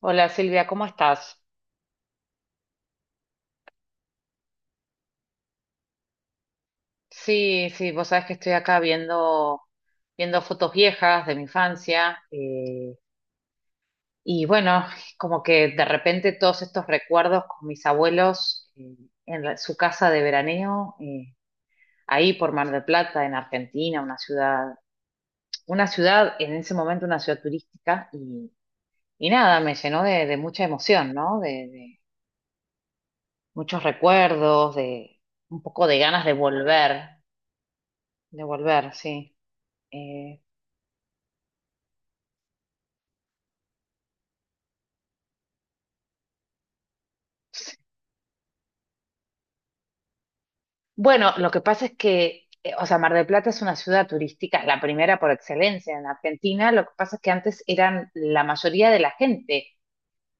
Hola Silvia, ¿cómo estás? Sí, sí, vos sabés que estoy acá viendo fotos viejas de mi infancia y bueno, como que de repente todos estos recuerdos con mis abuelos en su casa de veraneo, ahí por Mar del Plata, en Argentina, una ciudad, en ese momento una ciudad turística y nada, me llenó de mucha emoción, ¿no? De muchos recuerdos, de un poco de ganas de volver, sí. Eh, bueno, lo que pasa es que, o sea, Mar del Plata es una ciudad turística, la primera por excelencia en Argentina. Lo que pasa es que antes eran la mayoría de la gente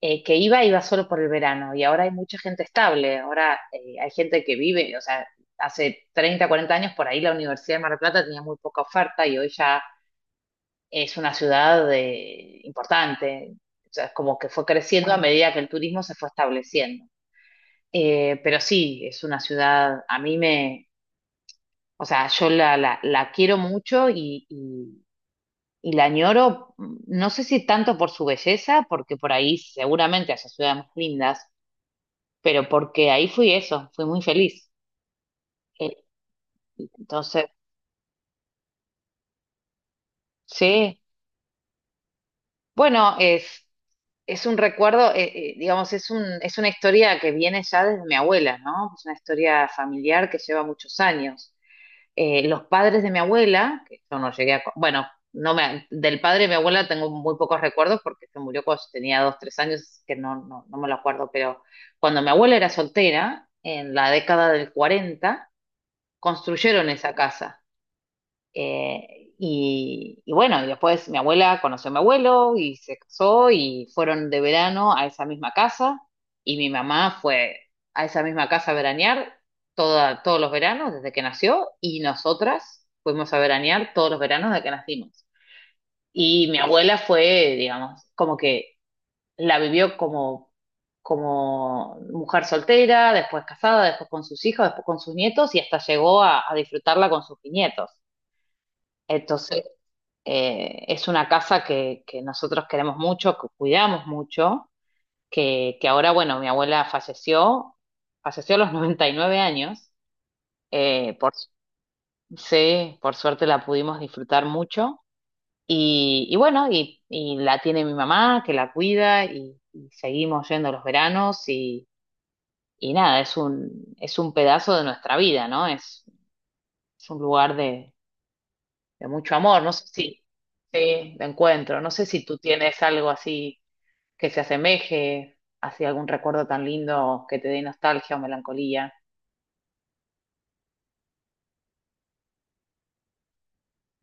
que iba solo por el verano y ahora hay mucha gente estable. Ahora hay gente que vive, o sea, hace 30, 40 años por ahí la Universidad de Mar del Plata tenía muy poca oferta y hoy ya es una ciudad importante. O sea, es como que fue creciendo a medida que el turismo se fue estableciendo. Pero sí, es una ciudad, a mí me, o sea, yo la quiero mucho y la añoro, no sé si tanto por su belleza, porque por ahí seguramente haya ciudades más lindas, pero porque ahí fui eso, fui muy feliz. Eh, Entonces sí, bueno, es un recuerdo, digamos, es una historia que viene ya desde mi abuela, ¿no? Es una historia familiar que lleva muchos años. Los padres de mi abuela, que yo no llegué a. Bueno, no me, del padre de mi abuela tengo muy pocos recuerdos porque se murió cuando tenía 2, 3 años, que no me lo acuerdo, pero cuando mi abuela era soltera, en la década del 40 construyeron esa casa. Y bueno, y después mi abuela conoció a mi abuelo y se casó y fueron de verano a esa misma casa y mi mamá fue a esa misma casa a veranear todos los veranos desde que nació y nosotras fuimos a veranear todos los veranos desde que nacimos. Y mi abuela fue, digamos, como que la vivió como mujer soltera, después casada, después con sus hijos, después con sus nietos y hasta llegó a disfrutarla con sus nietos. Entonces, es una casa que nosotros queremos mucho, que cuidamos mucho, que ahora, bueno, mi abuela falleció a los 99 años, eh, por, sí, por suerte la pudimos disfrutar mucho y bueno, y la tiene mi mamá que la cuida y seguimos yendo los veranos y nada, es un pedazo de nuestra vida, ¿no? Es un lugar de mucho amor, no sé si... Sí, de encuentro. No sé si tú tienes algo así que se asemeje, así algún recuerdo tan lindo que te dé nostalgia o melancolía.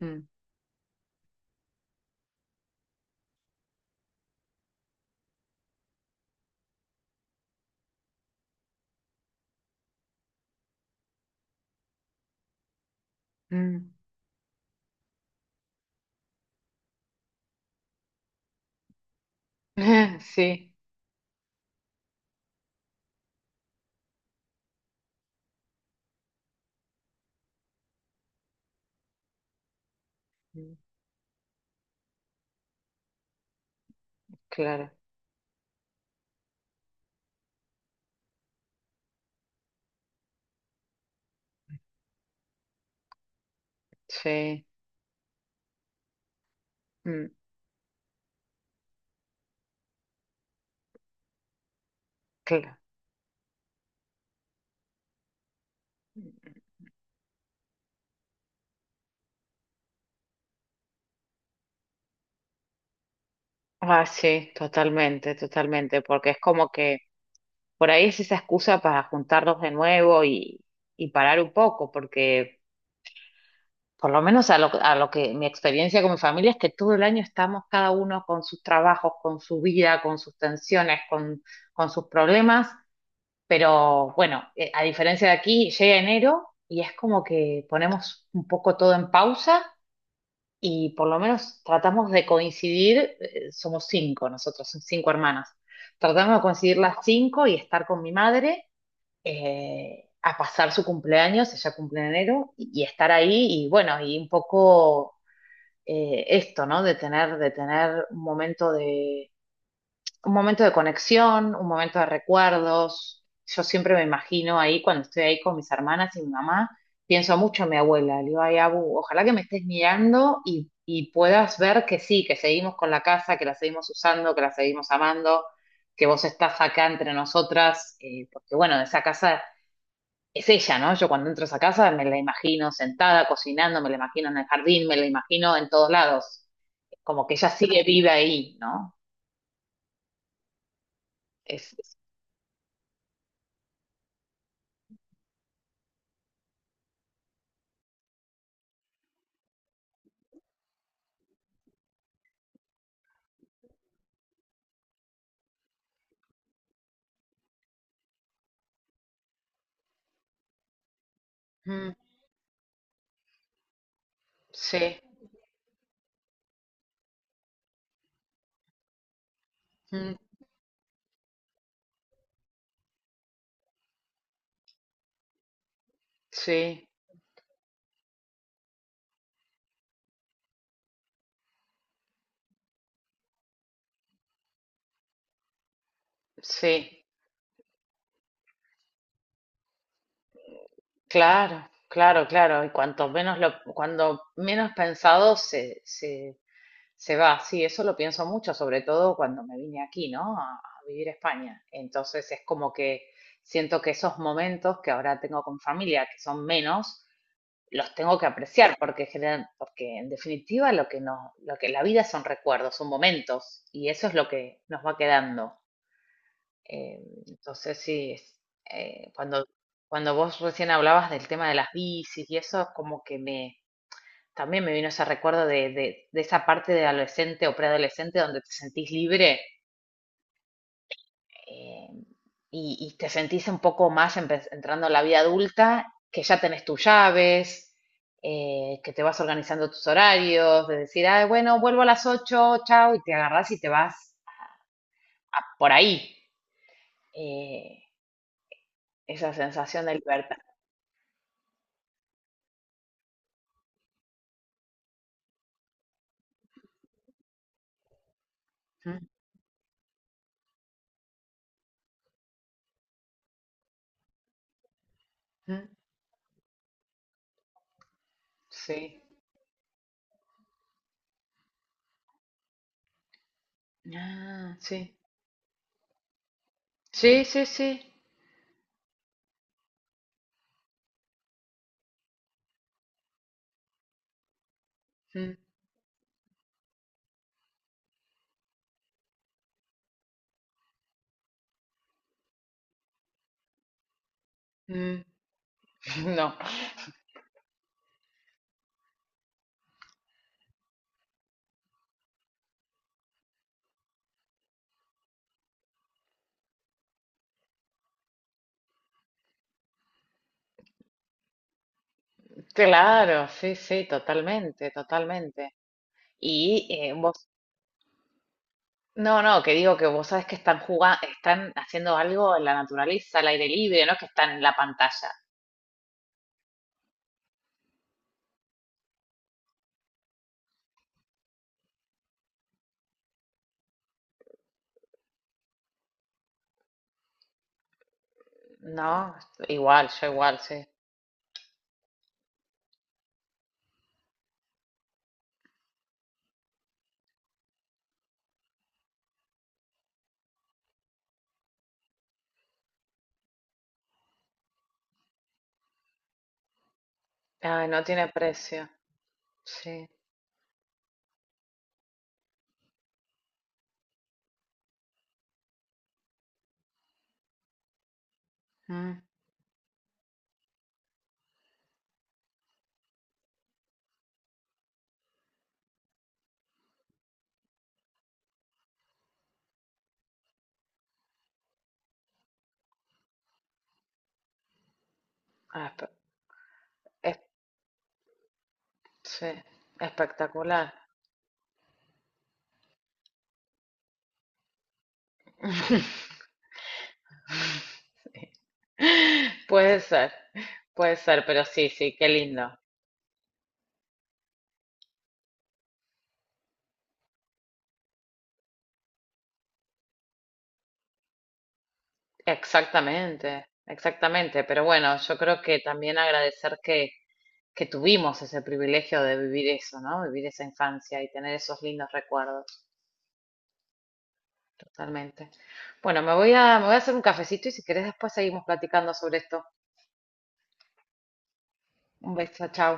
Mm, mm. Sí, mm, claro, sí, mm, claro. Ah, sí, totalmente, totalmente, porque es como que por ahí es esa excusa para juntarnos de nuevo y parar un poco, porque por lo menos a lo que mi experiencia con mi familia es que todo el año estamos cada uno con sus trabajos, con su vida, con sus tensiones, con sus problemas, pero bueno, a diferencia de aquí, llega enero y es como que ponemos un poco todo en pausa y por lo menos tratamos de coincidir, somos cinco nosotros, son cinco hermanas, tratamos de coincidir las cinco y estar con mi madre a pasar su cumpleaños, ella cumple en enero, y estar ahí y bueno, y un poco esto, ¿no? De tener un momento de conexión, un momento de recuerdos. Yo siempre me imagino ahí, cuando estoy ahí con mis hermanas y mi mamá, pienso mucho en mi abuela. Le digo, ay, Abu, ojalá que me estés mirando y puedas ver que sí, que seguimos con la casa, que la seguimos usando, que la seguimos amando, que vos estás acá entre nosotras, porque bueno, esa casa es ella, ¿no? Yo cuando entro a esa casa me la imagino sentada, cocinando, me la imagino en el jardín, me la imagino en todos lados. Como que ella sigue viva ahí, ¿no? Es, es- Mm, sí. Mm, Sí, sí, claro, claro, claro. Y cuando menos pensado se va. Sí, eso lo pienso mucho, sobre todo cuando me vine aquí, ¿no? A vivir a España. Entonces es como que siento que esos momentos que ahora tengo con familia, que son menos, los tengo que apreciar porque generan, porque en definitiva lo que nos, lo que la vida son recuerdos, son momentos, y eso es lo que nos va quedando. Eh, entonces sí, eh, cuando, cuando vos recién hablabas del tema de las bicis y eso, como que también me vino ese recuerdo de esa parte de adolescente o preadolescente donde te sentís libre eh, y te sentís un poco más entrando a la vida adulta, que ya tenés tus llaves. Que te vas organizando tus horarios, de decir, ah, bueno, vuelvo a las 8, chao, y te agarrás y te vas por ahí. eh, esa sensación de libertad. Ujú. Sí. Ah, sí. Sí, sí, sí. Mm, mm. No. Claro, sí, sí, totalmente, totalmente. Y no, no, que digo que vos sabés que están jugando, están haciendo algo en la naturaleza, al aire libre, no es que están en la pantalla. No, igual, yo igual, sí. Ay, no tiene precio. Sí. Mm. Ah, es- sí, espectacular. Sí. Puede ser, puede ser, pero sí, sí, qué lindo. Exactamente, exactamente. Pero bueno, yo creo que también agradecer que tuvimos ese privilegio de vivir eso, ¿no? Vivir esa infancia y tener esos lindos recuerdos, totalmente. Bueno, me voy a hacer un cafecito y si querés después seguimos platicando sobre esto. Un beso, chao.